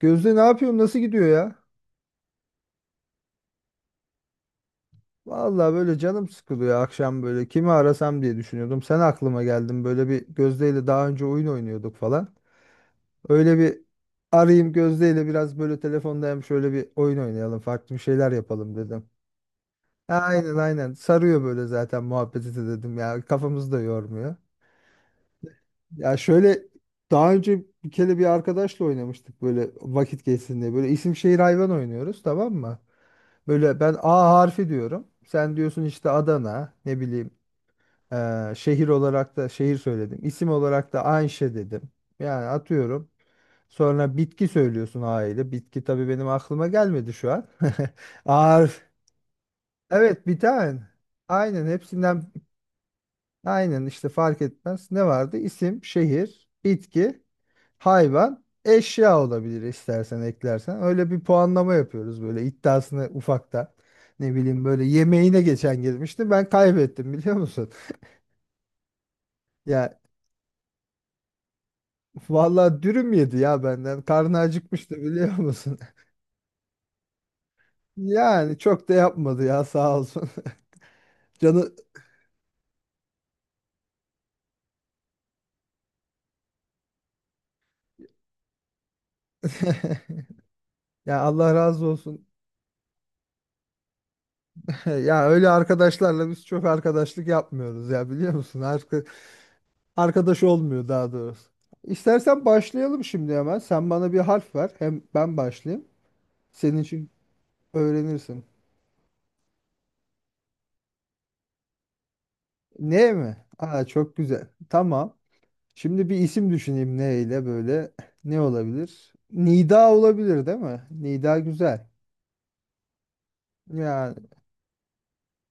Gözde ne yapıyorsun? Nasıl gidiyor ya? Vallahi böyle canım sıkılıyor akşam böyle. Kimi arasam diye düşünüyordum. Sen aklıma geldin. Böyle bir Gözde ile daha önce oyun oynuyorduk falan. Öyle bir arayayım Gözde ile biraz böyle telefonda hem şöyle bir oyun oynayalım. Farklı bir şeyler yapalım dedim. Aynen aynen. Sarıyor böyle zaten muhabbeti de dedim ya. Kafamızı da yormuyor. Ya şöyle daha önce bir kere bir arkadaşla oynamıştık böyle vakit geçsin diye. Böyle isim şehir hayvan oynuyoruz tamam mı? Böyle ben A harfi diyorum. Sen diyorsun işte Adana, ne bileyim şehir olarak da şehir söyledim. İsim olarak da Ayşe dedim. Yani atıyorum. Sonra bitki söylüyorsun A ile. Bitki tabii benim aklıma gelmedi şu an. A harf. Evet bir tane. Aynen hepsinden aynen işte fark etmez. Ne vardı? İsim, şehir, bitki hayvan, eşya olabilir istersen eklersen. Öyle bir puanlama yapıyoruz böyle iddiasını ufakta. Ne bileyim böyle yemeğine geçen girmişti. Ben kaybettim biliyor musun? Ya vallahi dürüm yedi ya benden. Karnı acıkmıştı biliyor musun? Yani çok da yapmadı ya sağ olsun. Canı ya Allah razı olsun. Ya öyle arkadaşlarla biz çok arkadaşlık yapmıyoruz ya biliyor musun? Arkadaş olmuyor daha doğrusu. İstersen başlayalım şimdi hemen. Sen bana bir harf ver. Hem ben başlayayım. Senin için öğrenirsin. Ne mi? Aa çok güzel. Tamam. Şimdi bir isim düşüneyim ne ile böyle. Ne olabilir? Nida olabilir değil mi? Nida güzel. Yani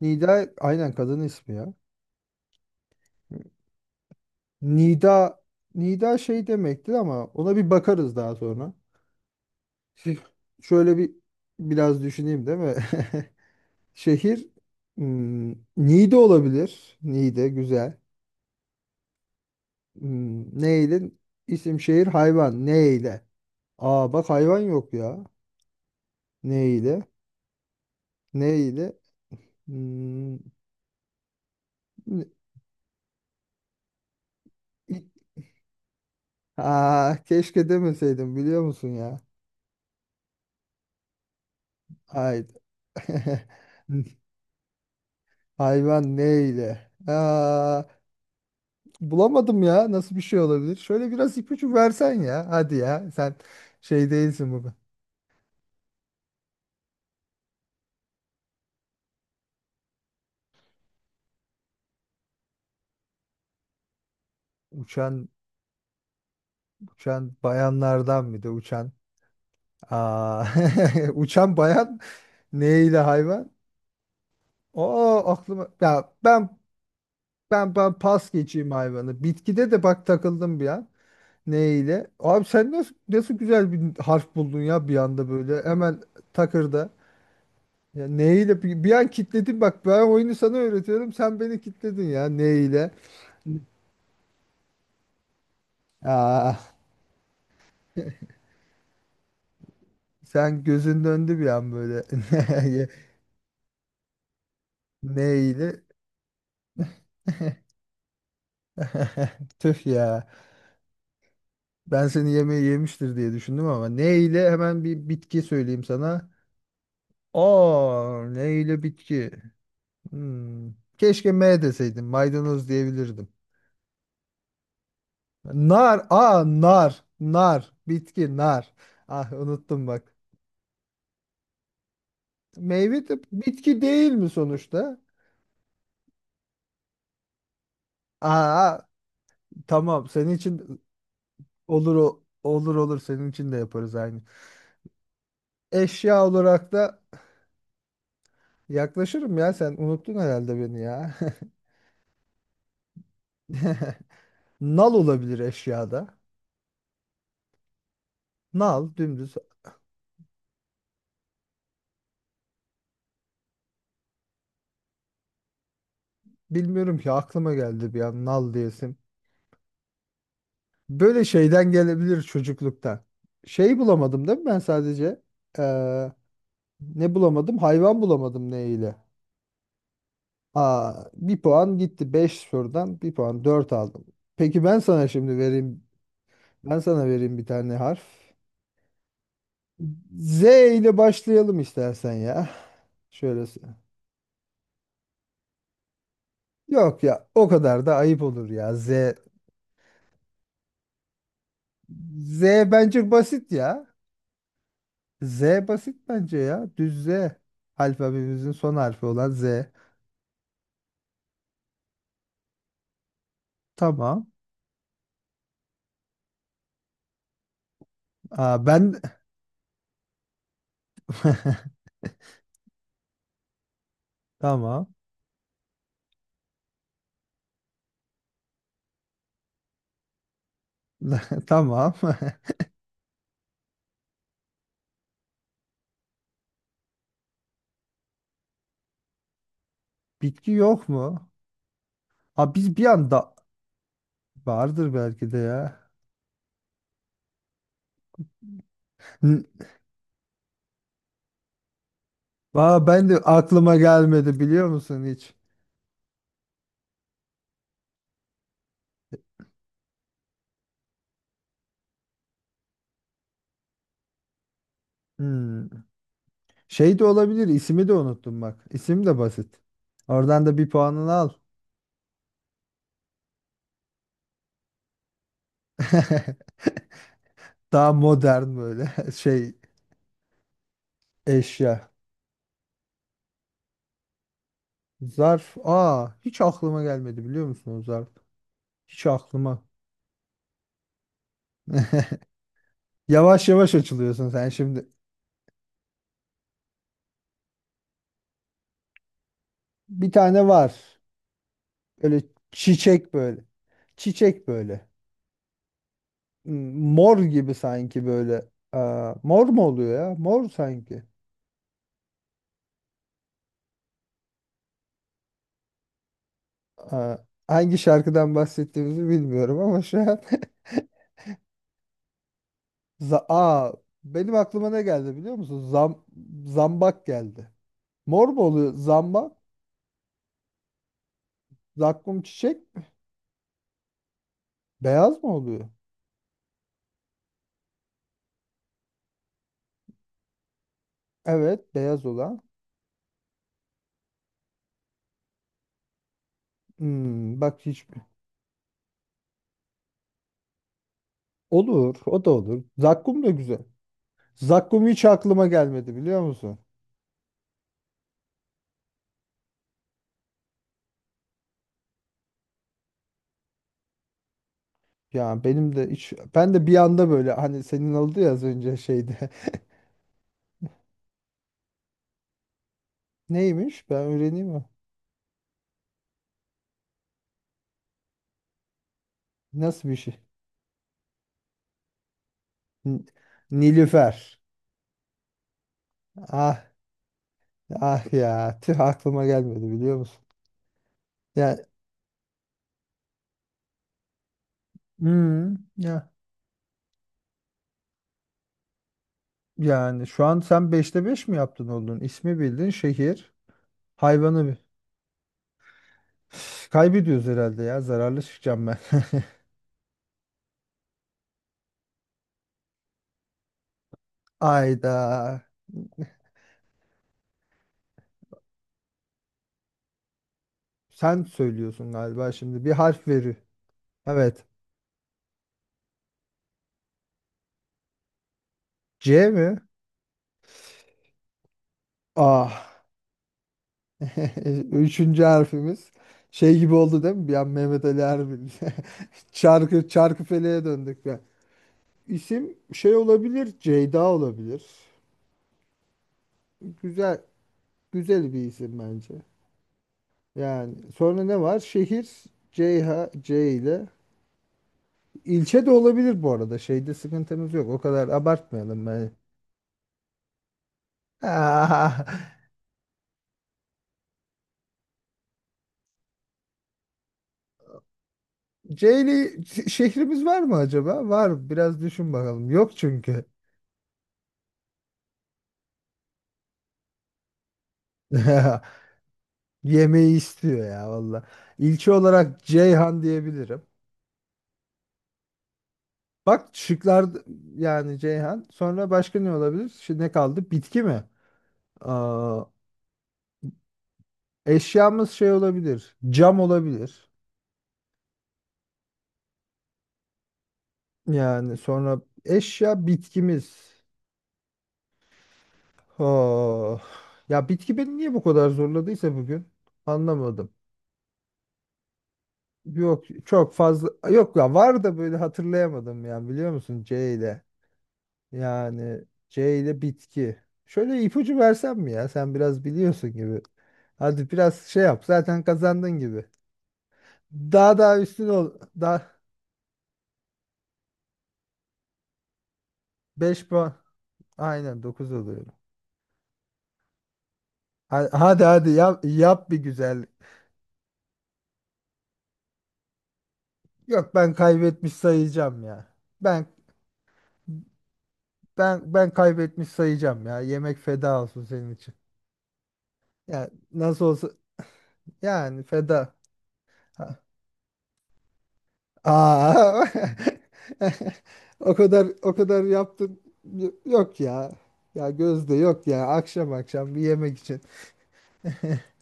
Nida aynen kadın ismi ya. Nida Nida şey demektir ama ona bir bakarız daha sonra. Şimdi Şöyle bir biraz düşüneyim değil mi? Şehir hmm, Niğde olabilir. Niğde güzel. Hmm, neyle? İsim şehir hayvan. Neyle? Aa bak hayvan yok ya. Neyle? Neyle? Hmm, ne- İ- Aa, keşke demeseydim biliyor musun ya? Ay. Hayvan neyle? Aa, bulamadım ya. Nasıl bir şey olabilir? Şöyle biraz ipucu versen ya. Hadi ya. Sen şey değilsin bu. Uçan uçan bayanlardan bir de uçan. Aa, uçan bayan neyle hayvan? Oo aklıma ya ben pas geçeyim hayvanı. Bitkide de bak takıldım bir an. Neyle? Abi sen nasıl nasıl güzel bir harf buldun ya bir anda böyle hemen takırda. Ya neyle bir an kitledin bak ben oyunu sana öğretiyorum sen beni kitledin ya neyle? Aa, sen gözün döndü bir an böyle. Neyle? Tüh ya. Ben seni yemeği yemiştir diye düşündüm ama ne ile hemen bir bitki söyleyeyim sana. Aa, ne ile bitki? Hmm. Keşke M deseydim. Maydanoz diyebilirdim. Nar. Aa, nar. Nar. Bitki nar. Ah unuttum bak. Meyve de bitki değil mi sonuçta? Aa, tamam. Senin için olur o. Olur olur senin için de yaparız aynı. Eşya olarak da yaklaşırım ya sen unuttun herhalde beni ya. Nal olabilir eşyada. Nal dümdüz. Bilmiyorum ki aklıma geldi bir an nal diyesim. Böyle şeyden gelebilir çocukluktan. Şey bulamadım değil mi ben sadece? Ee, ne bulamadım? Hayvan bulamadım neyle? Aa, bir puan gitti 5 sorudan bir puan 4 aldım. Peki ben sana şimdi vereyim. Ben sana vereyim bir tane harf. Z ile başlayalım istersen ya. Şöyle. Yok ya o kadar da ayıp olur ya. Z bence basit ya. Z basit bence ya. Düz Z. Alfabemizin son harfi olan Z. Tamam. Aa, ben tamam. Tamam. Bitki yok mu? Ha biz bir anda vardır belki de ya. N- Aa, ben de aklıma gelmedi biliyor musun hiç? Hmm. Şey de olabilir. İsmi de unuttum bak. İsim de basit. Oradan da bir puanını al. Daha modern böyle şey eşya. Zarf. Aa hiç aklıma gelmedi biliyor musun o zarf? Hiç aklıma. Yavaş yavaş açılıyorsun sen şimdi. Bir tane var. Böyle çiçek böyle. Çiçek böyle. Mor gibi sanki böyle. Aa, mor mu oluyor ya? Mor sanki. Aa, hangi şarkıdan bahsettiğimizi bilmiyorum ama şu an. Aa, benim aklıma ne geldi biliyor musun? Zambak geldi. Mor mu oluyor? Zambak. Zakkum çiçek. Beyaz mı oluyor? Evet, beyaz olan. Bak hiç olur, o da olur. Zakkum da güzel. Zakkum hiç aklıma gelmedi biliyor musun? Ya benim de hiç ben de bir anda böyle hani senin oldu ya az önce şeyde. Neymiş? Ben öğreneyim mi? Nasıl bir şey? N- Nilüfer. Ah ah ya tüh aklıma gelmedi biliyor musun? Ya ya yani şu an sen beşte 5 mi yaptın oldun? İsmi bildin, şehir, hayvanı Kaybediyoruz herhalde ya. Zararlı çıkacağım ben. Ayda. Sen söylüyorsun galiba şimdi. Bir harf veri. Evet. C mi? Ah. Üçüncü harfimiz. Şey gibi oldu değil mi? Bir an Mehmet Ali Erbil. Çarkıfele'ye döndük ya. İsim şey olabilir. Ceyda olabilir. Güzel. Güzel bir isim bence. Yani sonra ne var? Şehir C ile. İlçe de olabilir bu arada. Şeyde sıkıntımız yok. O kadar abartmayalım ben. Ah. C ile şehrimiz var mı acaba? Var. Biraz düşün bakalım. Yok çünkü. Yemeği istiyor ya valla. İlçe olarak Ceyhan diyebilirim. Bak şıklar yani Ceyhan. Sonra başka ne olabilir? Şimdi ne kaldı? Bitki mi? Aa, eşyamız şey olabilir. Cam olabilir. Yani sonra eşya bitkimiz. Oh. Ya bitki beni niye bu kadar zorladıysa bugün anlamadım. Yok çok fazla yok ya var da böyle hatırlayamadım yani biliyor musun C ile. Yani C ile bitki. Şöyle ipucu versem mi ya? Sen biraz biliyorsun gibi. Hadi biraz şey yap. Zaten kazandın gibi. Daha daha üstün ol. Daha 5 puan. Aynen 9 oluyor. Hadi hadi yap, yap bir güzellik. Yok ben kaybetmiş sayacağım ya. Ben ben kaybetmiş sayacağım ya. Yemek feda olsun senin için. Ya nasıl olsa yani feda. Aa, o kadar o kadar yaptım. Yok ya. Ya Gözde yok ya. Akşam akşam bir yemek için.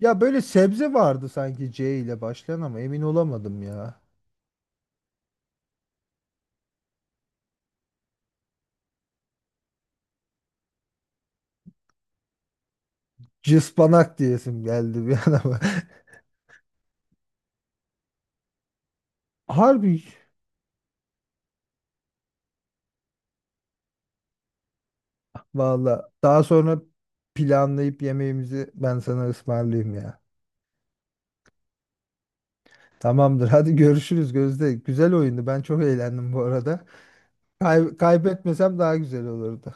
Ya böyle sebze vardı sanki C ile başlayan ama emin olamadım ya. Cıspanak diyesim geldi bir an ama. Harbi valla. Daha sonra planlayıp yemeğimizi ben sana ısmarlayayım ya. Tamamdır. Hadi görüşürüz Gözde. Güzel oyundu. Ben çok eğlendim bu arada. Kaybetmesem daha güzel olurdu.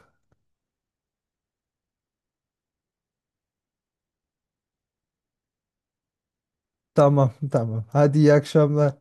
Tamam tamam. Hadi iyi akşamlar.